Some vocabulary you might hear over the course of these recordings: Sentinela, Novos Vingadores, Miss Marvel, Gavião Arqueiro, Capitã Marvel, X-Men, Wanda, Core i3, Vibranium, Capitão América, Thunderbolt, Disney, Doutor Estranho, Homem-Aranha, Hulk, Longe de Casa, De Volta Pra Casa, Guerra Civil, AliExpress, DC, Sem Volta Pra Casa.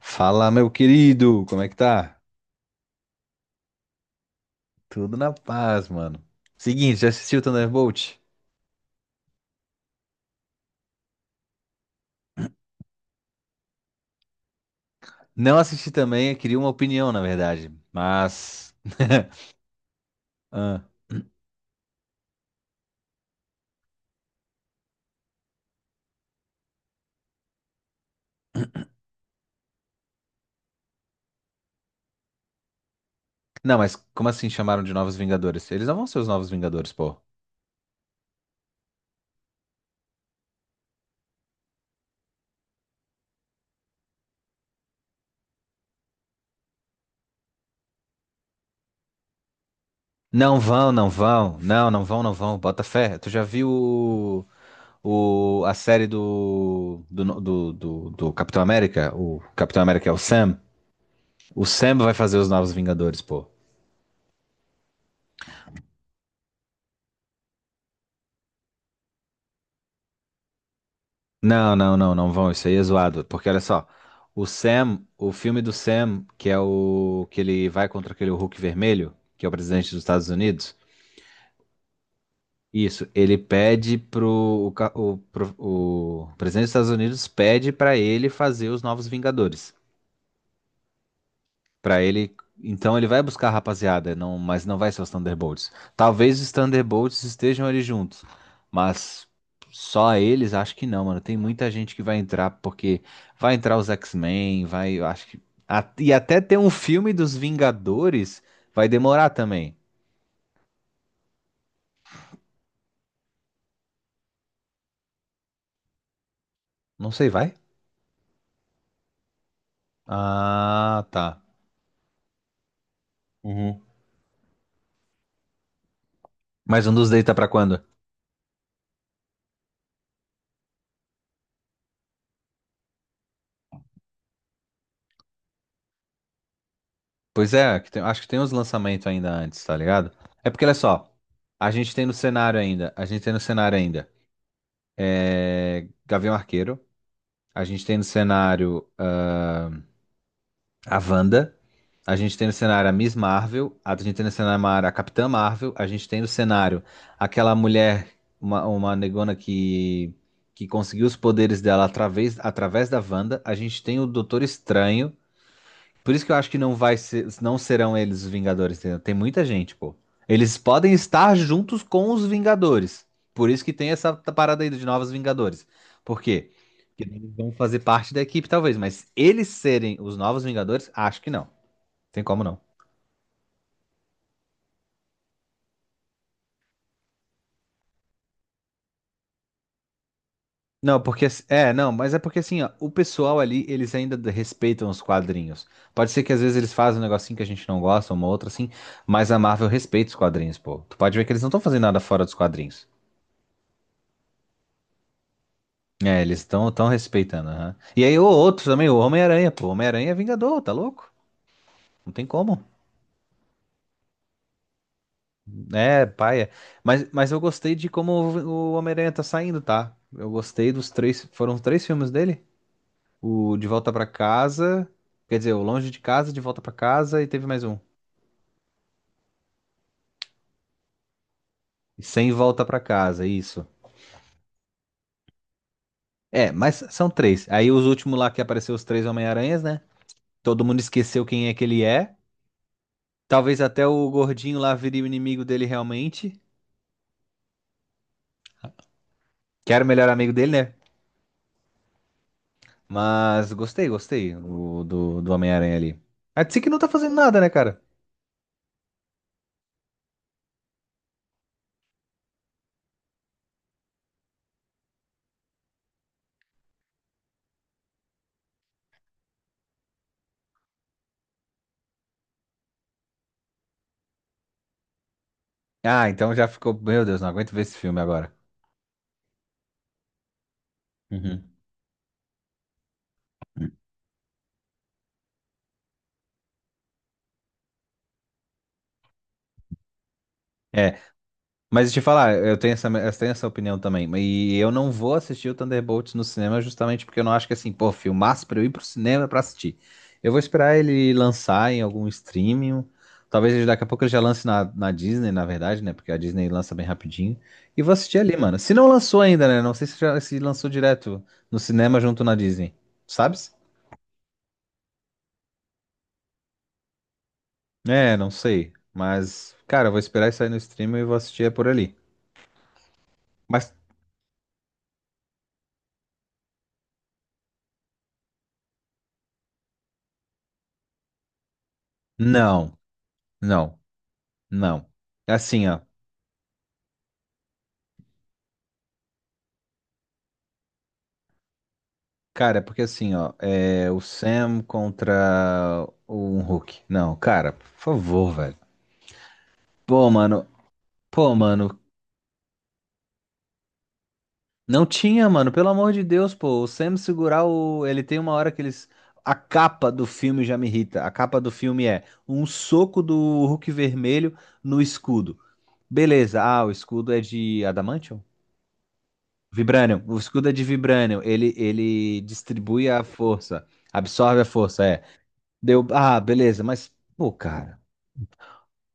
Fala, meu querido, como é que tá? Tudo na paz, mano. Seguinte, já assistiu Thunderbolt? Não assisti também, eu queria uma opinião, na verdade. Mas. Ah. Não, mas como assim chamaram de Novos Vingadores? Eles não vão ser os Novos Vingadores, pô. Não vão, não vão. Não, não vão, não vão. Bota fé. Tu já viu a série do, do, no- do, do, do Capitão América? O Capitão América é o Sam. O Sam vai fazer os Novos Vingadores, pô. Não, não, não, não vão. Isso aí é zoado. Porque olha só, o Sam, o filme do Sam, que é o que ele vai contra aquele Hulk vermelho, que é o presidente dos Estados Unidos. Isso, ele pede pro o, ca- o, pro- o presidente dos Estados Unidos pede pra ele fazer os novos Vingadores. Pra ele, então ele vai buscar a rapaziada, não, mas não vai ser os Thunderbolts. Talvez os Thunderbolts estejam ali juntos, mas só eles acho que não, mano. Tem muita gente que vai entrar porque vai entrar os X-Men, vai, eu acho que e até ter um filme dos Vingadores vai demorar também. Não sei, vai? Ah, tá. Uhum. Mas um dos Day tá pra quando? Pois é, acho que tem uns lançamentos ainda antes, tá ligado? É porque, olha só, a gente tem no cenário ainda, a gente tem no cenário ainda. É, Gavião Arqueiro. A gente tem no cenário a Wanda. A gente tem no cenário a Miss Marvel. A gente tem no cenário a Capitã Marvel. A gente tem no cenário aquela mulher, uma negona que conseguiu os poderes dela através, através da Wanda. A gente tem o Doutor Estranho. Por isso que eu acho que não vai ser, não serão eles os Vingadores, entendeu? Tem muita gente, pô. Eles podem estar juntos com os Vingadores. Por isso que tem essa parada aí de novos Vingadores. Por quê? Porque eles vão fazer parte da equipe, talvez, mas eles serem os novos Vingadores, acho que não. Tem como não. Não, porque. É, não, mas é porque assim, ó, o pessoal ali, eles ainda respeitam os quadrinhos. Pode ser que às vezes eles fazem um negocinho que a gente não gosta, uma outra assim, mas a Marvel respeita os quadrinhos, pô. Tu pode ver que eles não estão fazendo nada fora dos quadrinhos. É, eles estão tão respeitando, aham. E aí o outro também, o Homem-Aranha, pô. Homem-Aranha é Vingador, tá louco? Não tem como. É, paia. Mas eu gostei de como o Homem-Aranha tá saindo, tá? Eu gostei dos três, foram os três filmes dele? O De Volta Pra Casa, quer dizer, o Longe de Casa, De Volta Pra Casa e teve mais um. E Sem Volta Pra Casa, isso. É, mas são três. Aí os últimos lá que apareceu os três Homem-Aranhas, né? Todo mundo esqueceu quem é que ele é. Talvez até o gordinho lá vire o inimigo dele realmente. Que era o melhor amigo dele, né? Mas gostei, gostei do Homem-Aranha ali. A DC que não tá fazendo nada, né, cara? Ah, então já ficou. Meu Deus, não aguento ver esse filme agora. Uhum. É. Mas te falar, eu tenho essa opinião também. E eu não vou assistir o Thunderbolts no cinema justamente porque eu não acho que assim, pô, filmaço pra eu ir pro cinema pra assistir. Eu vou esperar ele lançar em algum streaming. Talvez daqui a pouco ele já lance na Disney, na verdade, né? Porque a Disney lança bem rapidinho. E vou assistir ali, mano. Se não lançou ainda, né? Não sei se já se lançou direto no cinema junto na Disney. Sabes? É, não sei. Mas, cara, eu vou esperar isso aí no streaming e vou assistir é por ali. Mas, não, não, não. É assim, ó. Cara, é porque assim, ó, é o Sam contra um Hulk. Não, cara, por favor, velho. Pô, mano, pô, mano, não tinha, mano, pelo amor de Deus, pô, o Sam segurar o. Ele tem uma hora que eles. A capa do filme já me irrita. A capa do filme é um soco do Hulk vermelho no escudo. Beleza, ah, o escudo é de Adamantium? Vibranium, o escudo é de Vibranium. Ele distribui a força, absorve a força, é. Deu, ah, beleza, mas, pô, cara.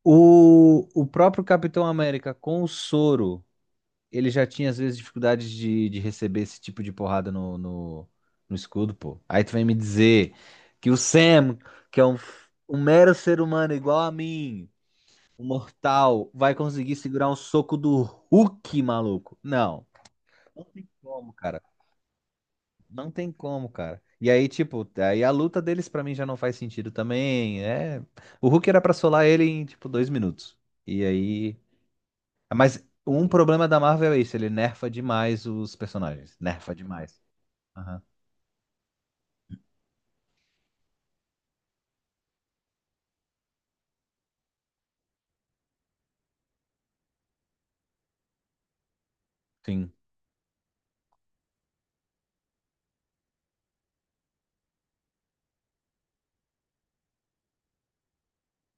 O próprio Capitão América com o soro, ele já tinha às vezes dificuldades de receber esse tipo de porrada no escudo, pô. Aí tu vem me dizer que o Sam, que é um, um mero ser humano igual a mim, um mortal, vai conseguir segurar um soco do Hulk, maluco. Não, não tem como, cara. Não tem como, cara. E aí, tipo, aí a luta deles pra mim já não faz sentido também. É, o Hulk era pra solar ele em, tipo, dois minutos. E aí. Mas um problema da Marvel é isso, ele nerfa demais os personagens. Nerfa demais. Aham. Sim.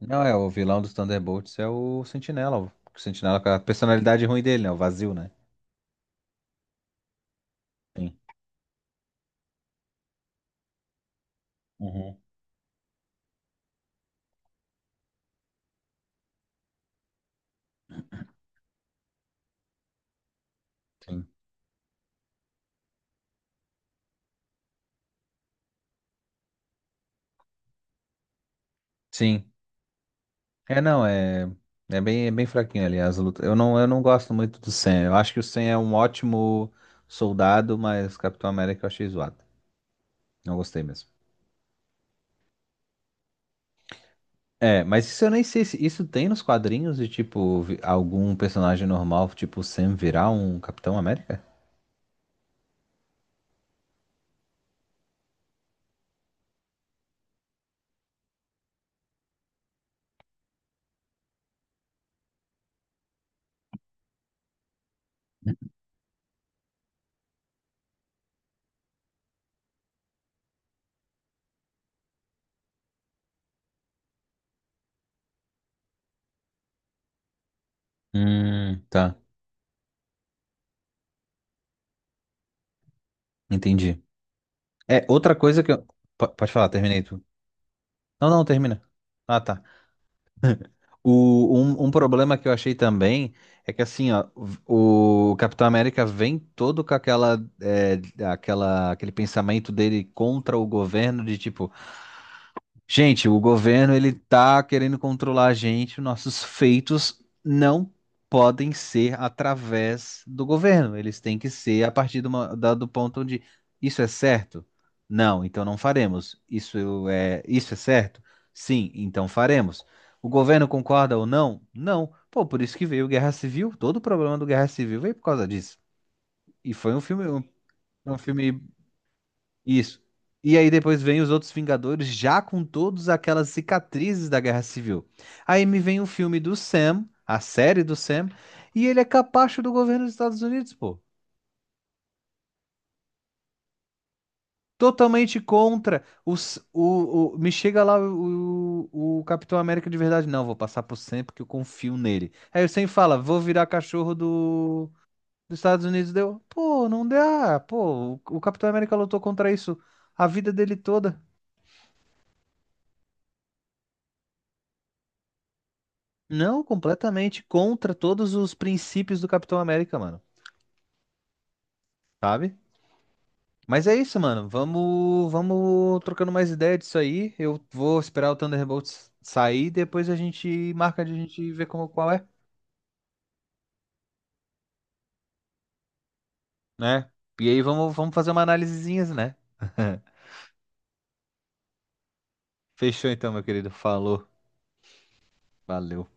Não, é, o vilão dos Thunderbolts é o Sentinela. O Sentinela com a personalidade ruim dele, né? O vazio, né? Sim. Uhum. Sim. Sim. É, não, é. É bem fraquinho ali as lutas. Eu não gosto muito do Sam. Eu acho que o Sam é um ótimo soldado, mas Capitão América eu achei zoado. Não gostei mesmo. É, mas isso eu nem sei se isso tem nos quadrinhos de tipo algum personagem normal, tipo Sam virar um Capitão América? Tá. Entendi. É, outra coisa que eu. Pode falar, terminei tu. Não, não, termina. Ah, tá. O, um problema que eu achei também é que assim, ó, o Capitão América vem todo com aquela, é, aquela, aquele pensamento dele contra o governo de tipo. Gente, o governo ele tá querendo controlar a gente, nossos feitos não podem ser através do governo, eles têm que ser a partir do, do ponto onde isso é certo? Não, então não faremos. Isso é certo? Sim, então faremos. O governo concorda ou não? Não. Pô, por isso que veio Guerra Civil, todo o problema do Guerra Civil veio por causa disso. E foi um filme, um filme isso. E aí depois vem os outros Vingadores já com todas aquelas cicatrizes da Guerra Civil. Aí me vem o filme do Sam, a série do Sam, e ele é capacho do governo dos Estados Unidos, pô. Totalmente contra os, me chega lá o Capitão América de verdade. Não, vou passar por Sam porque eu confio nele. Aí o Sam fala, vou virar cachorro do, dos Estados Unidos. Deu, pô, não dá, pô, o Capitão América lutou contra isso a vida dele toda. Não, completamente contra todos os princípios do Capitão América, mano. Sabe? Mas é isso, mano. Vamos, vamos trocando mais ideia disso aí. Eu vou esperar o Thunderbolts sair, depois a gente marca de a gente ver como, qual é, né? E aí vamos, vamos fazer uma análisezinha, né? Fechou então, meu querido. Falou. Valeu.